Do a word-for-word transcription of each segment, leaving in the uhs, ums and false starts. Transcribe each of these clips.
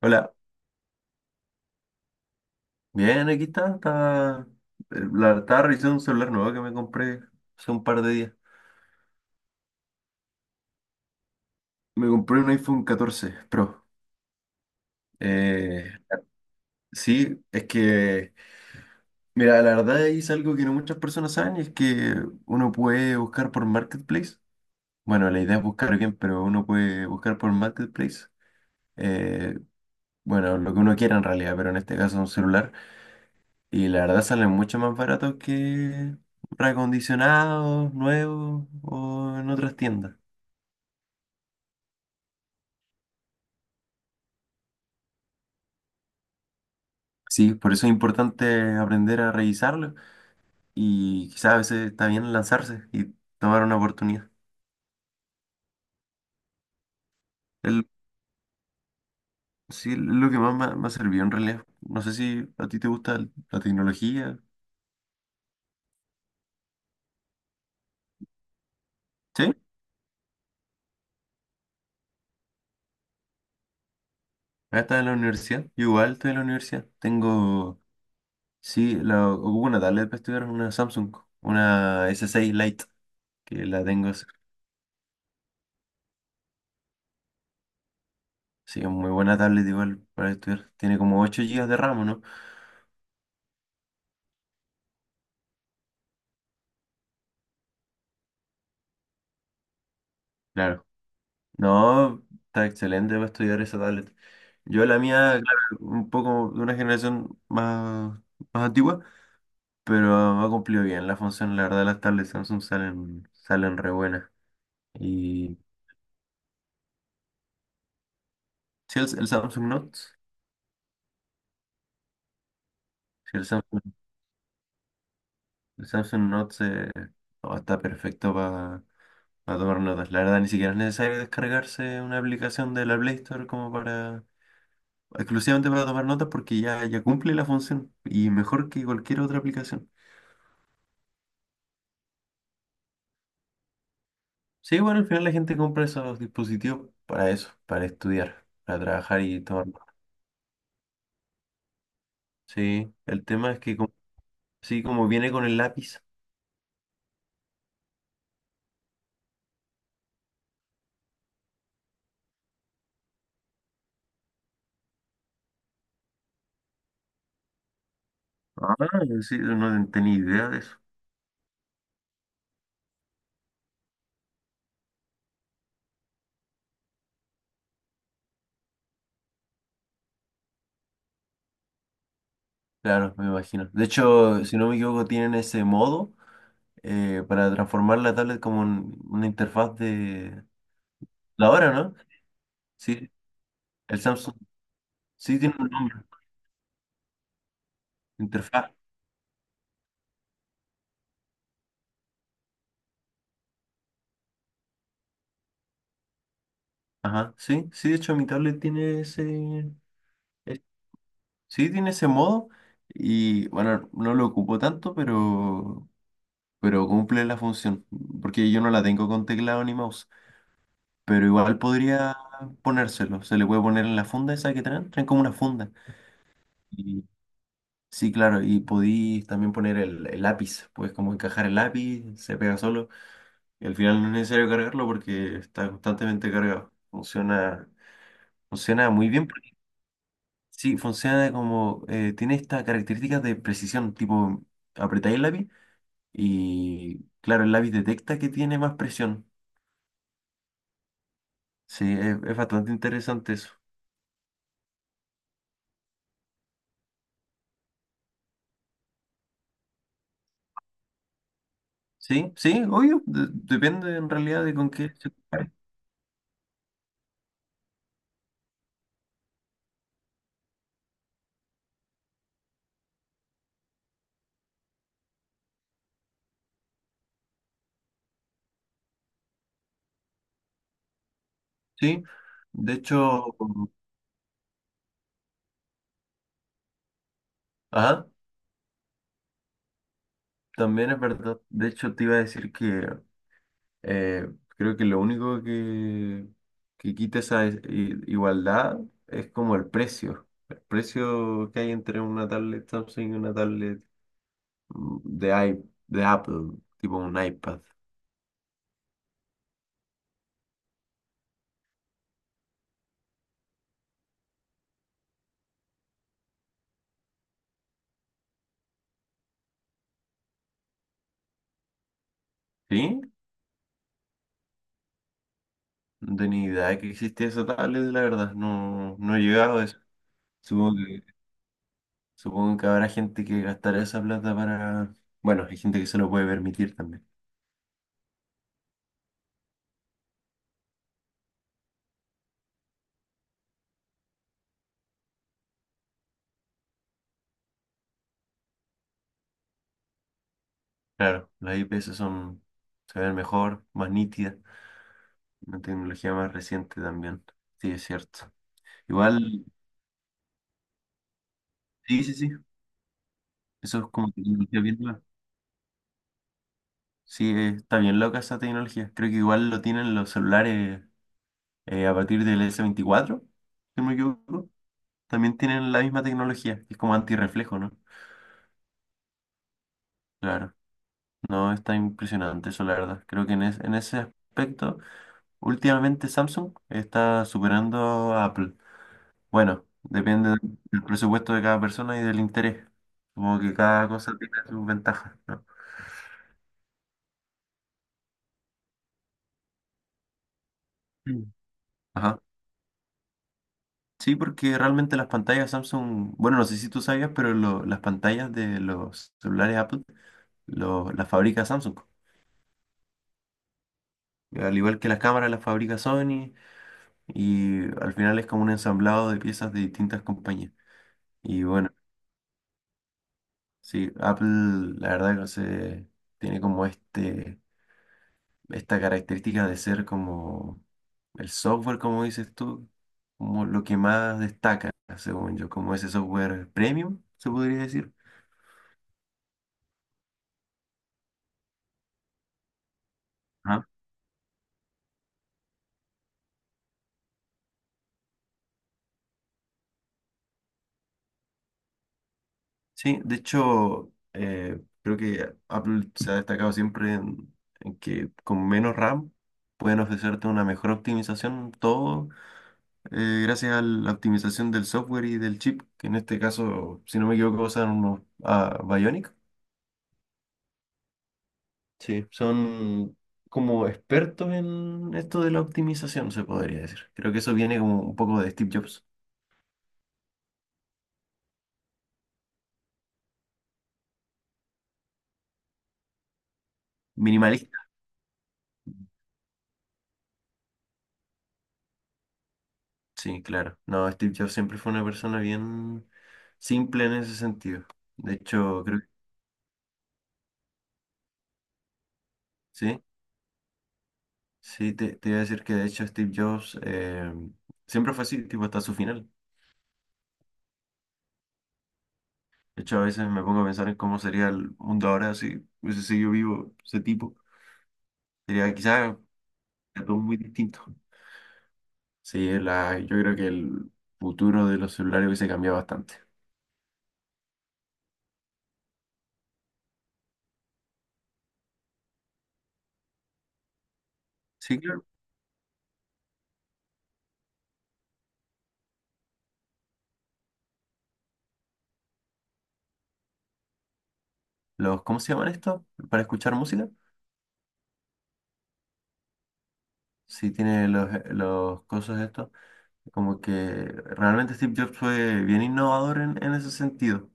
Hola, bien, aquí está. Estaba, la, estaba revisando un celular nuevo que me compré hace un par de días. Me compré un iPhone catorce Pro. Eh, sí, es que, mira, la verdad es algo que no muchas personas saben, y es que uno puede buscar por Marketplace. Bueno, la idea es buscar bien, pero uno puede buscar por Marketplace. eh, bueno, lo que uno quiera en realidad, pero en este caso un celular. Y la verdad salen mucho más baratos que reacondicionados, nuevos o en otras tiendas. Sí, por eso es importante aprender a revisarlo y quizás a veces está bien lanzarse y tomar una oportunidad. El, sí, es lo que más me, ha me ha servido en realidad. No sé si a ti te gusta el- la tecnología. Sí, ahora estás en la universidad. Yo igual estoy en la universidad. Tengo, sí, la, ocupo una tablet para estudiar, una Samsung, una S seis Lite, que la tengo. Sí, es muy buena tablet igual para estudiar. Tiene como ocho gigas de RAM, ¿o ¿no? Claro. No, está excelente para estudiar esa tablet. Yo la mía, claro, un poco de una generación más, más antigua, pero ha cumplido bien la función. La verdad, las tablets Samsung salen, salen re buenas. Y si el, el Samsung Note, si el Samsung, el Samsung Note se- no, está perfecto para tomar notas. La verdad, ni siquiera es necesario descargarse una aplicación de la Play Store como para exclusivamente para tomar notas porque ya, ya cumple la función y mejor que cualquier otra aplicación. Sí, bueno, al final la gente compra esos dispositivos para eso, para estudiar, para trabajar y tomar notas. Sí, el tema es que como- sí, como viene con el lápiz. Ah, sí, no tenía idea de eso. Claro, me imagino. De hecho, si no me equivoco, tienen ese modo eh, para transformar la tablet como en una interfaz de la hora, ¿no? Sí, el Samsung sí tiene un nombre, interfaz. Ajá, sí, sí, de hecho mi tablet tiene ese, es- sí, tiene ese modo y bueno, no lo ocupo tanto, pero, pero cumple la función, porque yo no la tengo con teclado ni mouse, pero igual podría ponérselo, se le puede poner en la funda esa que traen, traen como una funda. Y, sí, claro, y podí también poner el, el lápiz, puedes como encajar el lápiz, se pega solo, y al final no es necesario cargarlo porque está constantemente cargado, funciona, funciona muy bien. Sí, funciona como, eh, tiene estas características de precisión, tipo, apretáis el lápiz y, claro, el lápiz detecta que tiene más presión. Sí, es, es bastante interesante eso. Sí, sí, obvio, de- depende en realidad de con qué se compare. Sí, de hecho, ajá, también es verdad. De hecho, te iba a decir que Eh, creo que lo único que, que quita esa i- igualdad es como el precio. El precio que hay entre una tablet Samsung y una tablet mm, de, i- de Apple, tipo un iPad. ¿Sí? No tenía idea de que existía esa tablet, la verdad. No, no he llegado a eso. Supongo que, supongo que habrá gente que gastará esa plata para... Bueno, hay gente que se lo puede permitir también. Claro, las I P S son, se ven mejor, más nítidas. Una tecnología más reciente también. Sí, es cierto. Igual, sí, sí, sí. Eso es como tecnología bien nueva. Sí, eh, está bien loca esa tecnología. Creo que igual lo tienen los celulares eh, a partir del s veinticuatro si no me equivoco. También tienen la misma tecnología. Es como antirreflejo, ¿no? Claro. No, está impresionante eso, la verdad. Creo que en, es- en ese aspecto, últimamente Samsung está superando a Apple. Bueno, depende del presupuesto de cada persona y del interés. Como que cada cosa tiene sus ventajas, ¿no? Mm. Ajá. Sí, porque realmente las pantallas Samsung, bueno, no sé si tú sabías, pero lo- las pantallas de los celulares Apple lo- las fabrica Samsung. Al igual que las cámaras las fabrica Sony y al final es como un ensamblado de piezas de distintas compañías. Y bueno, sí, Apple la verdad que no sé, tiene como este... esta característica de ser como el software, como dices tú, como lo que más destaca, según yo, como ese software premium, se podría decir. Ajá. Sí, de hecho, eh, creo que Apple se ha destacado siempre en, en que con menos RAM pueden ofrecerte una mejor optimización, todo eh, gracias a la optimización del software y del chip, que en este caso, si no me equivoco, usan unos ah, Bionic. Sí, son como expertos en esto de la optimización, se podría decir. Creo que eso viene como un poco de Steve Jobs. Minimalista. Sí, claro. No, Steve Jobs siempre fue una persona bien simple en ese sentido. De hecho, creo que sí. Sí, te, te iba a decir que de hecho Steve Jobs eh, siempre fue así, tipo hasta su final. De hecho, a veces me pongo a pensar en cómo sería el mundo ahora si hubiese seguido vivo ese tipo. Sería quizás todo muy distinto. Sí, la, yo creo que el futuro de los celulares hubiese cambiado bastante. Sí, claro. Los, ¿cómo se llaman estos? ¿Para escuchar música? Sí, tiene los, los cosas estos. Como que realmente Steve Jobs fue bien innovador en, en ese sentido.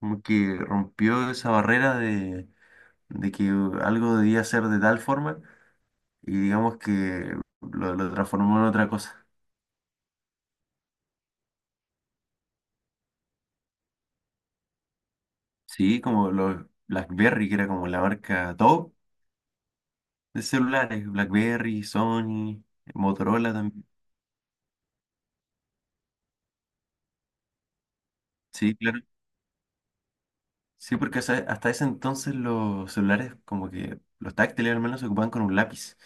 Como que rompió esa barrera de, de que algo debía ser de tal forma y digamos que lo, lo transformó en otra cosa. Sí, como los BlackBerry, que era como la marca top. De celulares, BlackBerry, Sony, Motorola también. Sí, claro. Sí, porque hasta hasta ese entonces los celulares, como que los táctiles al menos, se ocupaban con un lápiz.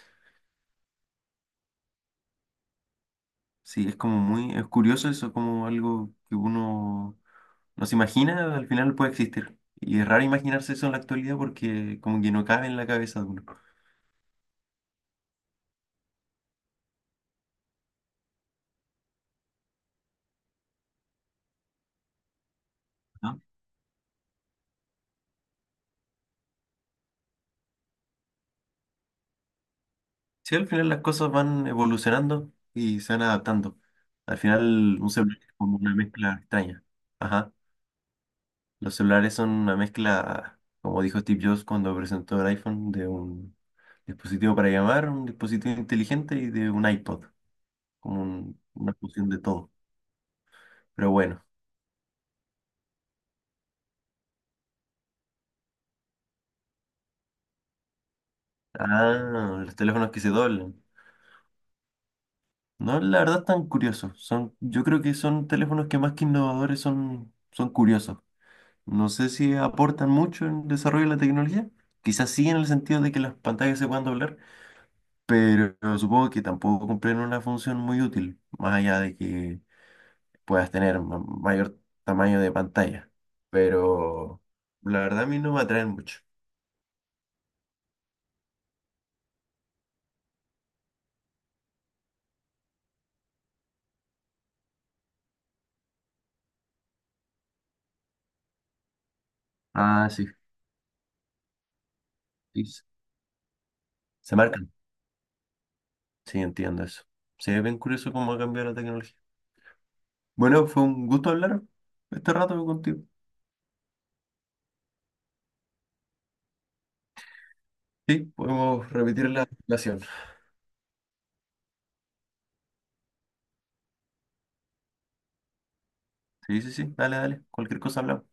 Sí, es como muy, es curioso eso, como algo que uno no se imagina, al final puede existir. Y es raro imaginarse eso en la actualidad porque como que no cabe en la cabeza de uno. ¿No? Sí, al final las cosas van evolucionando y se van adaptando. Al final un celular es como una mezcla extraña. Ajá. Los celulares son una mezcla, como dijo Steve Jobs cuando presentó el iPhone, de un dispositivo para llamar, un dispositivo inteligente y de un iPod, como un- una fusión de todo. Pero bueno, ah, los teléfonos que se doblan. No, la verdad tan curiosos. Son, yo creo que son teléfonos que más que innovadores son, son curiosos. No sé si aportan mucho en el desarrollo de la tecnología. Quizás sí en el sentido de que las pantallas se puedan doblar, pero supongo que tampoco cumplen una función muy útil, más allá de que puedas tener ma- mayor tamaño de pantalla. Pero la verdad a mí no me atraen mucho. Ah, sí. sí, sí. Se marcan. Sí, entiendo eso. Sí, es bien curioso cómo ha cambiado la tecnología. Bueno, fue un gusto hablar este rato contigo. Sí, podemos repetir la relación. Sí, sí, sí, dale, dale. Cualquier cosa hablamos.